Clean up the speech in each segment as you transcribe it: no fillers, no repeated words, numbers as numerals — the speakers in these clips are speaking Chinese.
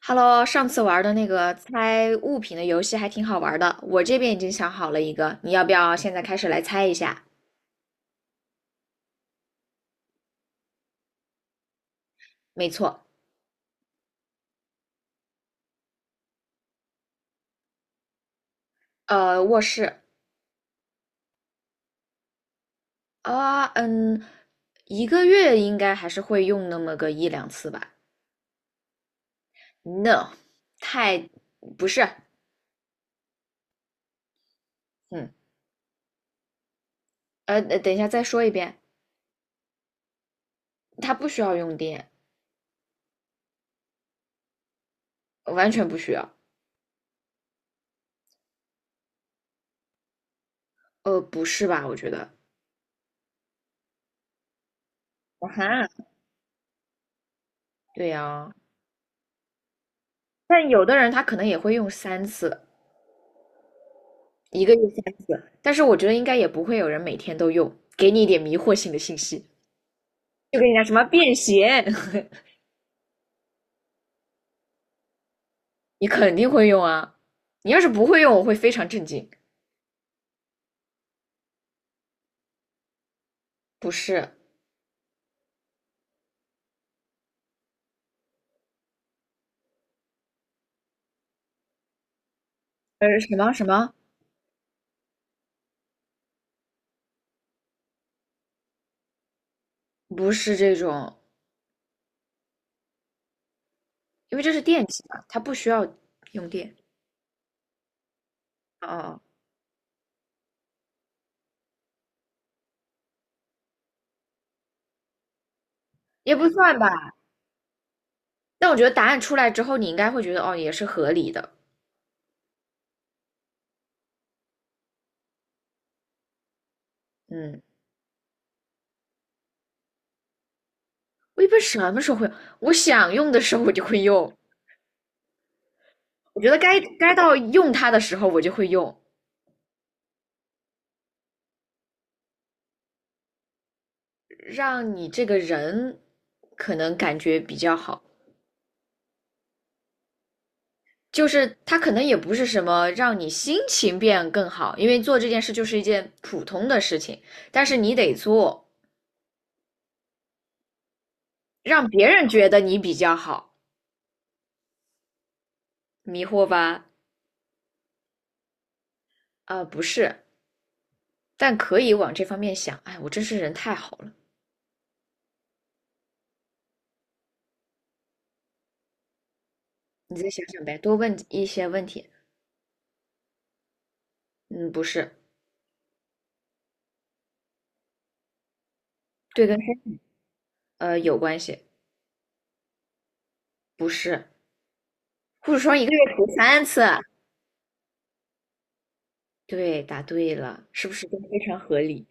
Hello，上次玩的那个猜物品的游戏还挺好玩的，我这边已经想好了一个，你要不要现在开始来猜一下？没错。卧室。啊，嗯，一个月应该还是会用那么个一两次吧？No，太，不是。嗯，等一下再说一遍。它不需要用电，完全不需要。不是吧？我觉得。啊哈。对呀，但有的人他可能也会用三次，一个月三次，但是我觉得应该也不会有人每天都用。给你一点迷惑性的信息，就跟你讲什么便携，你肯定会用啊。你要是不会用，我会非常震惊。不是。什么什么。不是这种，因为这是电器嘛，它不需要用电。哦。也不算吧。但我觉得答案出来之后，你应该会觉得哦，也是合理的。嗯。我一般什么时候会用？我想用的时候我就会用，我觉得该到用它的时候我就会用。让你这个人可能感觉比较好。就是它可能也不是什么让你心情变更好，因为做这件事就是一件普通的事情，但是你得做，让别人觉得你比较好。迷惑吧？不是，但可以往这方面想。哎，我真是人太好了。你再想想呗，多问一些问题。嗯，不是。对，跟黑，有关系。不是，护手霜一个月涂三次啊。对，答对了，是不是都非常合理？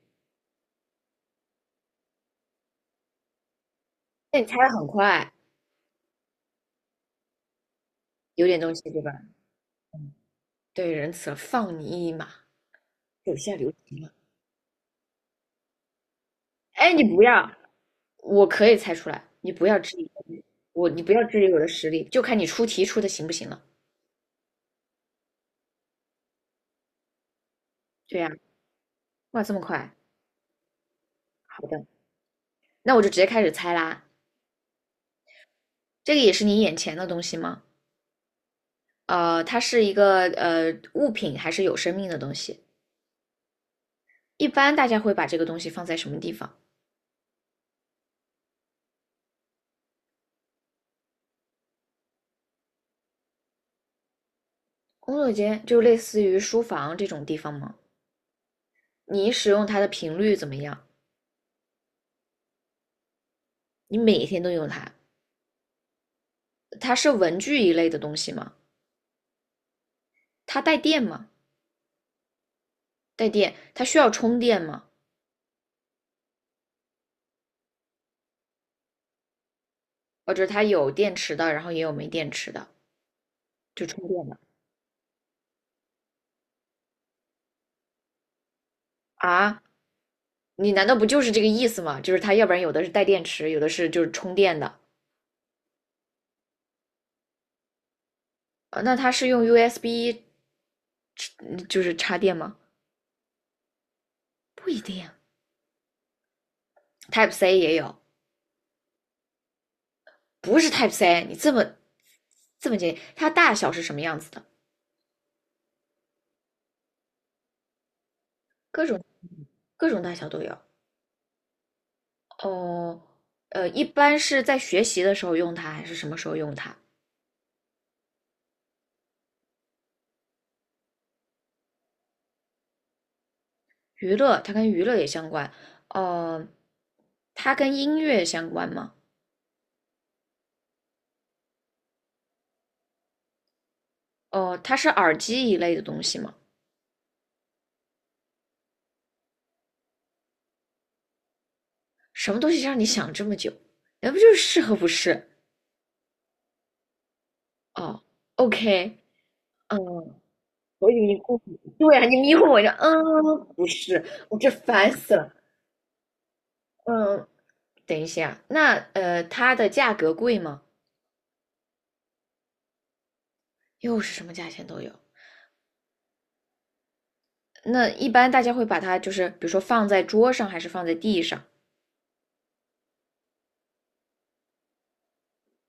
那你猜的很快，有点东西对吧？对，仁慈了，放你一马，手下留情嘛。哎，你不要。我可以猜出来，你不要质疑我的实力，就看你出题出的行不行了。对呀。哇，这么快。好的，那我就直接开始猜啦。这个也是你眼前的东西吗？它是一个物品还是有生命的东西？一般大家会把这个东西放在什么地方？工作间，就类似于书房这种地方吗？你使用它的频率怎么样？你每天都用它。它是文具一类的东西吗？它带电吗？带电，它需要充电吗？哦，就是它有电池的，然后也有没电池的，就充电的。啊？你难道不就是这个意思吗？就是它要不然有的是带电池，有的是就是充电的。那它是用 USB 嗯就是插电吗？不一定。Type C 也有。不是 Type C，你这么简单，它大小是什么样子的？各种大小都有。哦。一般是在学习的时候用它，还是什么时候用它？娱乐，它跟娱乐也相关。呃，它跟音乐相关吗？哦、它是耳机一类的东西吗？什么东西让你想这么久？那不就是适合不是？哦，OK。嗯。我以为你故意，对啊，你迷糊我一下。嗯，不是，我这烦死了。嗯，等一下。那它的价格贵吗？又是什么价钱都有。那一般大家会把它就是，比如说放在桌上，还是放在地上，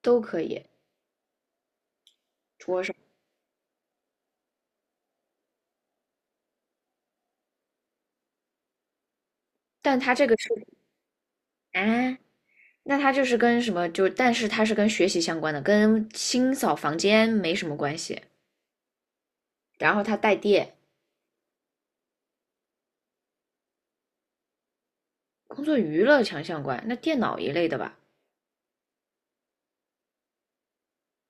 都可以。但它这个是啊。那它就是跟什么就，但是它是跟学习相关的，跟清扫房间没什么关系。然后它带电，工作娱乐强相关。那电脑一类的吧。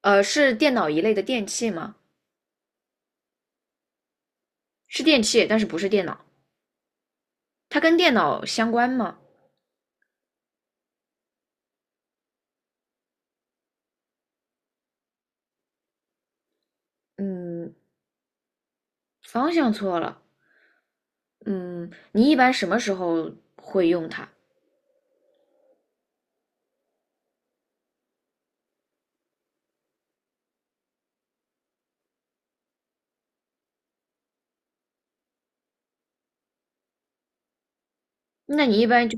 是电脑一类的电器吗？是电器，但是不是电脑。它跟电脑相关吗？嗯。方向错了。嗯，你一般什么时候会用它？那你一般就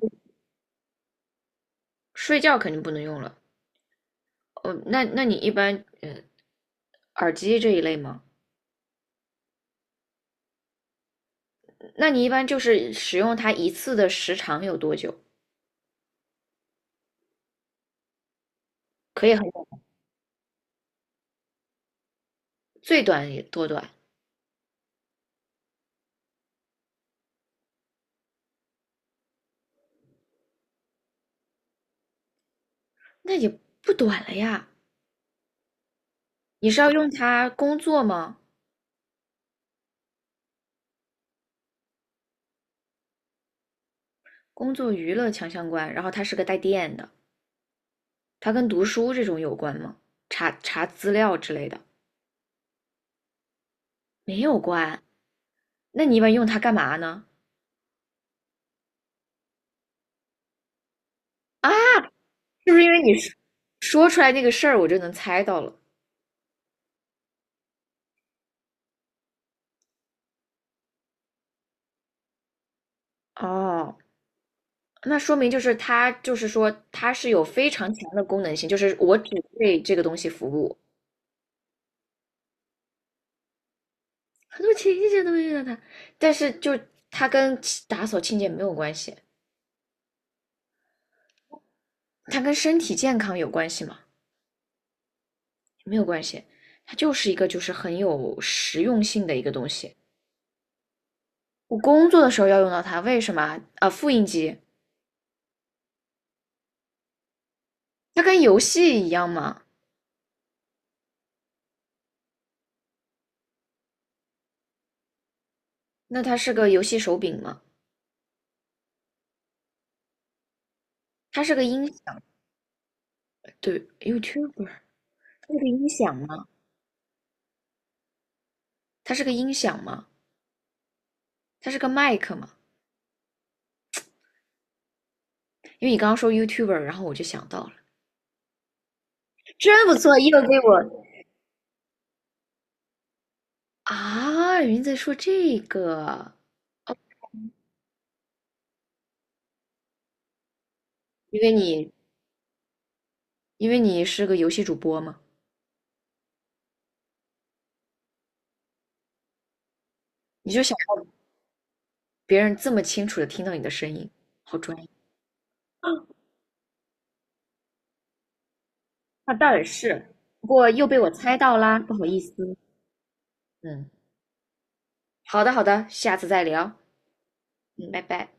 睡觉肯定不能用了。哦。那你一般耳机这一类吗？那你一般就是使用它一次的时长有多久？可以很短。最短也多短？那也不短了呀。你是要用它工作吗？工作娱乐强相关，然后它是个带电的。它跟读书这种有关吗？查查资料之类的没有关。那你一般用它干嘛呢？啊，是不是因为你说出来那个事儿，我就能猜到了？哦。那说明就是它，就是说它是有非常强的功能性，就是我只为这个东西服务。很多情节都会遇到它，但是就它跟打扫清洁没有关系。它跟身体健康有关系吗？没有关系。它就是一个就是很有实用性的一个东西。我工作的时候要用到它，为什么啊？啊，复印机。它跟游戏一样吗？那它是个游戏手柄吗？它是个音响。对，YouTuber。它是个音响吗？它是个音响吗？它是个麦克吗？因为你刚刚说 YouTuber，然后我就想到了。真不错，又给我啊，云在说这个。因为你因为你是个游戏主播嘛，你就想让别人这么清楚的听到你的声音，好专业。那倒也是，不过又被我猜到啦，不好意思。嗯。好的好的，下次再聊。嗯，拜拜。